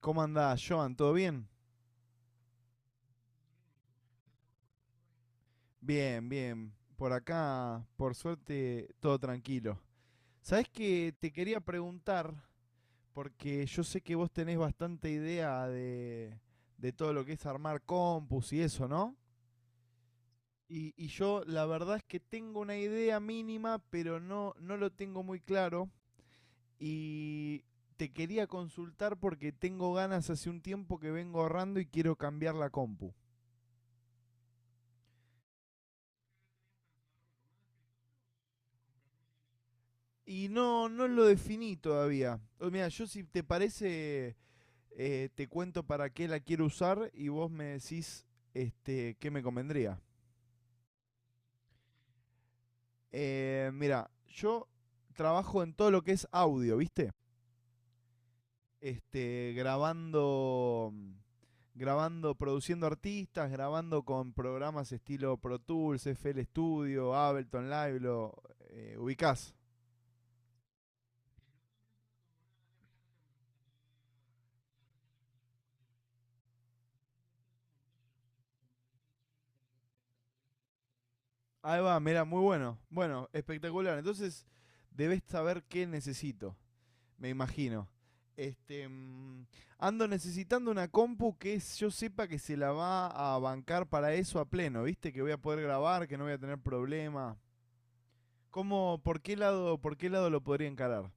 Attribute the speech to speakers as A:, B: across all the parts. A: ¿Cómo andás, Joan? ¿Todo bien? Bien, bien. Por acá, por suerte, todo tranquilo. ¿Sabés que te quería preguntar? Porque yo sé que vos tenés bastante idea de todo lo que es armar compus y eso, ¿no? Y yo la verdad es que tengo una idea mínima, pero no lo tengo muy claro. Y te quería consultar porque tengo ganas hace un tiempo que vengo ahorrando y quiero cambiar la compu. Y no lo definí todavía. O, mira, yo si te parece, te cuento para qué la quiero usar y vos me decís este, qué me convendría. Mira, yo trabajo en todo lo que es audio, ¿viste? Este, grabando, produciendo artistas, grabando con programas estilo Pro Tools, FL Studio, Ableton Live, lo ubicás. Ahí va, mira, muy bueno. Bueno, espectacular. Entonces, debes saber qué necesito, me imagino. Este, ando necesitando una compu que yo sepa que se la va a bancar para eso a pleno, ¿viste? Que voy a poder grabar, que no voy a tener problema. ¿Cómo, por qué lado lo podría encarar?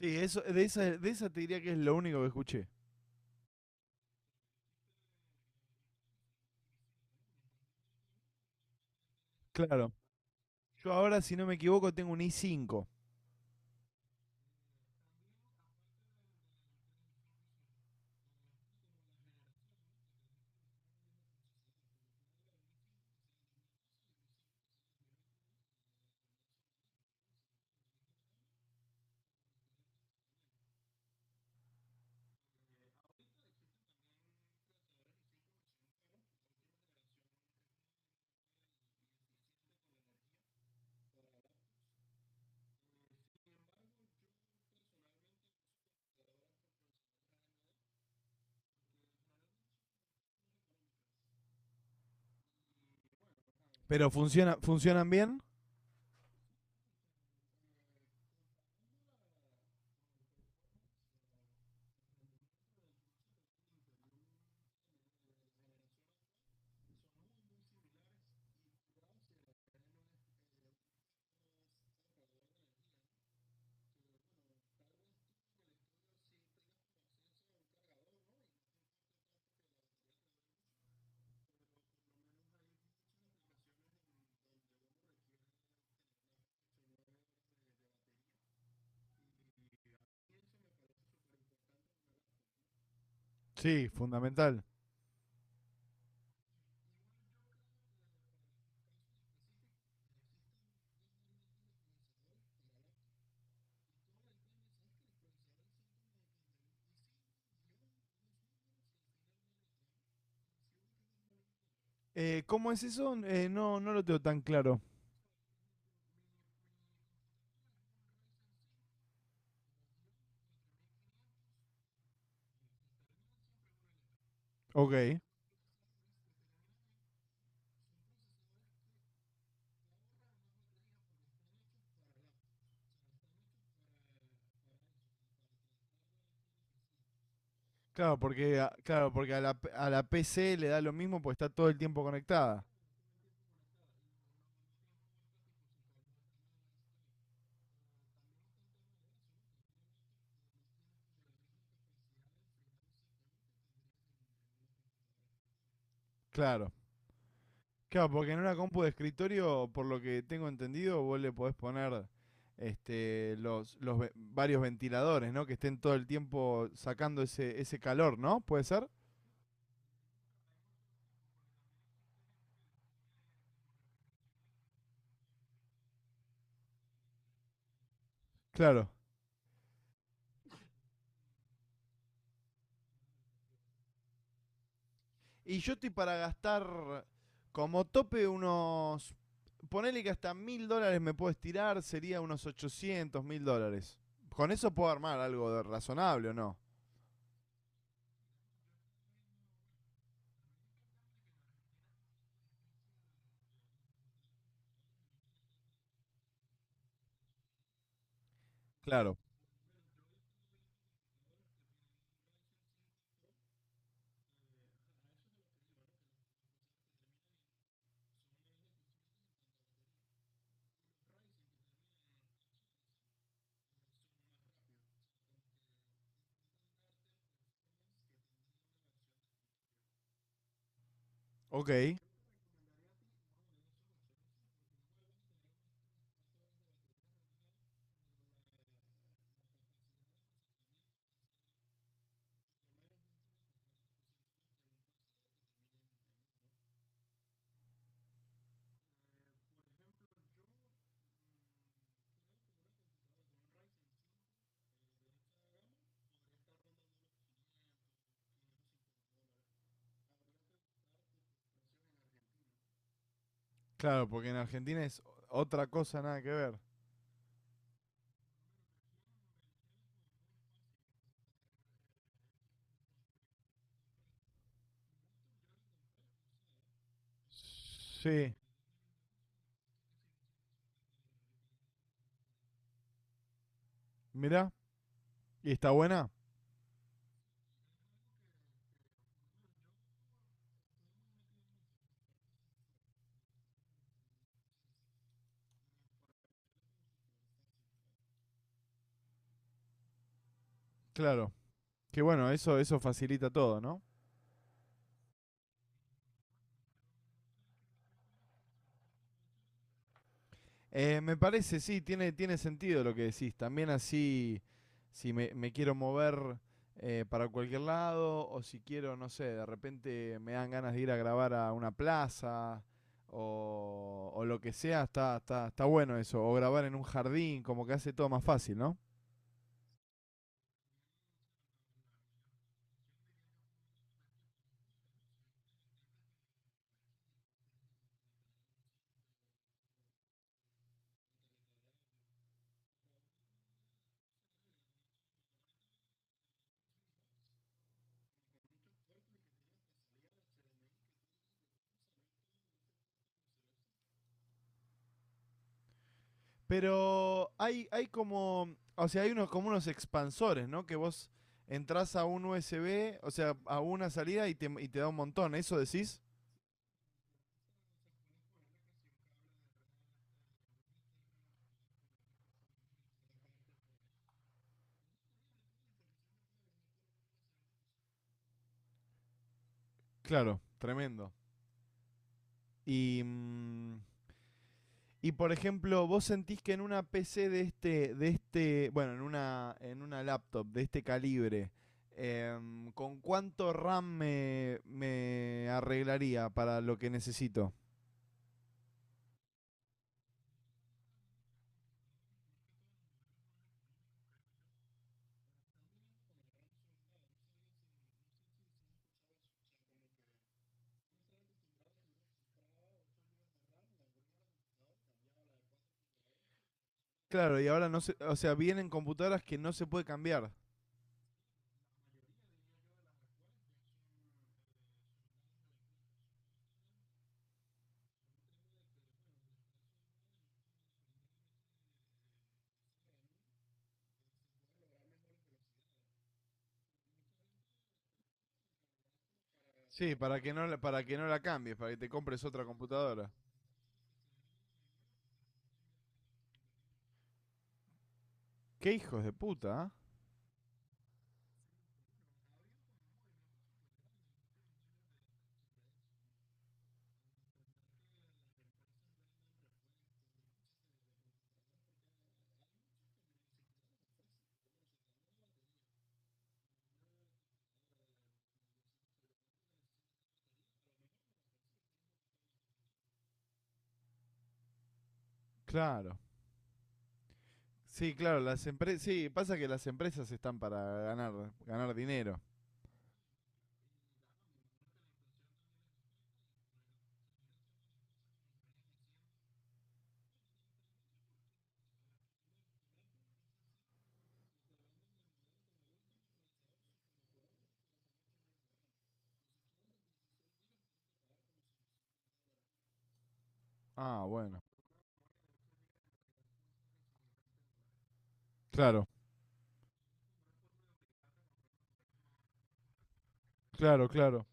A: Sí, eso, de esa te diría que es lo único que escuché. Claro. Yo ahora, si no me equivoco, tengo un i5. Pero funciona, ¿funcionan bien? Sí, fundamental. ¿Cómo es eso? No, no lo tengo tan claro. Ok. Claro, porque a la PC le da lo mismo porque está todo el tiempo conectada. Claro. Claro, porque en una compu de escritorio, por lo que tengo entendido, vos le podés poner este, los varios ventiladores, ¿no? Que estén todo el tiempo sacando ese calor, ¿no? ¿Puede ser? Claro. Y yo estoy para gastar como tope unos... Ponele que hasta $1000 me puedo estirar, sería unos $800000. Con eso puedo armar algo de- razonable o no. Claro. Ok, claro, porque en Argentina es otra cosa, nada que ver. Sí, mirá, ¿y está buena? Claro, que bueno, eso facilita todo, ¿no? Me parece, sí, tiene, tiene sentido lo que decís. También así, si me quiero mover para cualquier lado, o si quiero, no sé, de repente me dan ganas de ir a grabar a una plaza, o lo que sea, está bueno eso. O grabar en un jardín, como que hace todo más fácil, ¿no? Pero hay como, o sea, hay unos, como unos expansores, ¿no? Que vos entras a un USB, o sea, a una salida y te da un montón. ¿Eso decís? Claro, tremendo. Y, y por ejemplo, vos sentís que en una PC de este, bueno, en una laptop de este calibre, ¿con cuánto RAM me, me arreglaría para lo que necesito? Claro, y ahora no se, o sea, vienen computadoras que no se puede cambiar. Sí, para que no, la- para que no la cambies, para que te compres otra computadora. Qué hijos de puta, ¿ah? Claro. Sí, claro, las empresas, sí, pasa que las empresas están para ganar, ganar dinero. Ah, bueno. Claro. Claro, claro,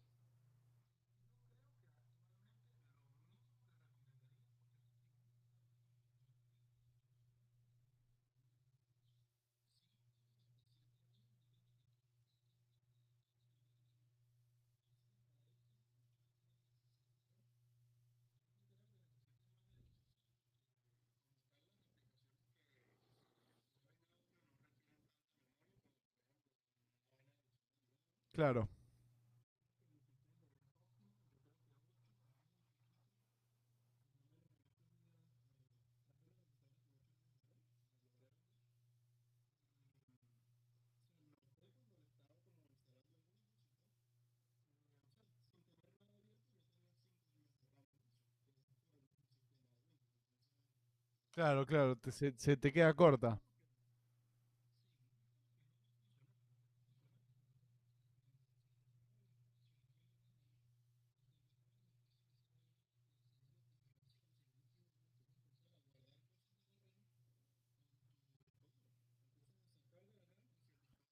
A: claro, claro, te- se te queda corta.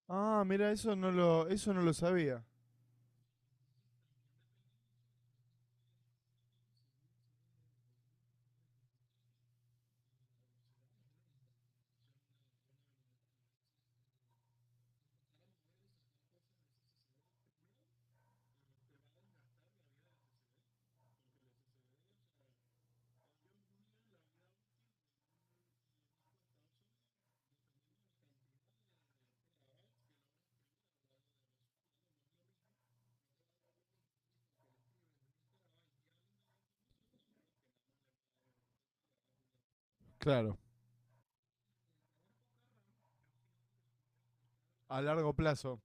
A: Ah, mira, eso no lo sabía. Claro, a largo plazo.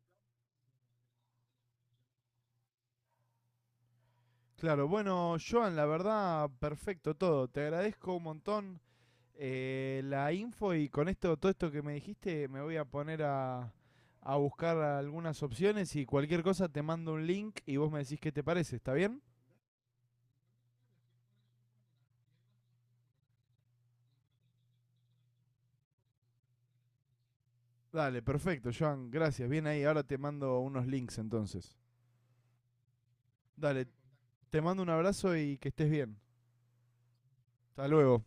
A: Claro, bueno, Joan, la verdad, perfecto todo. Te agradezco un montón la info y con esto, todo esto que me dijiste, me voy a poner a buscar algunas opciones y cualquier cosa te mando un link y vos me decís qué te parece, ¿está bien? Dale, perfecto, Joan, gracias. Bien ahí, ahora te mando unos links entonces. Dale, te mando un abrazo y que estés bien. Hasta luego.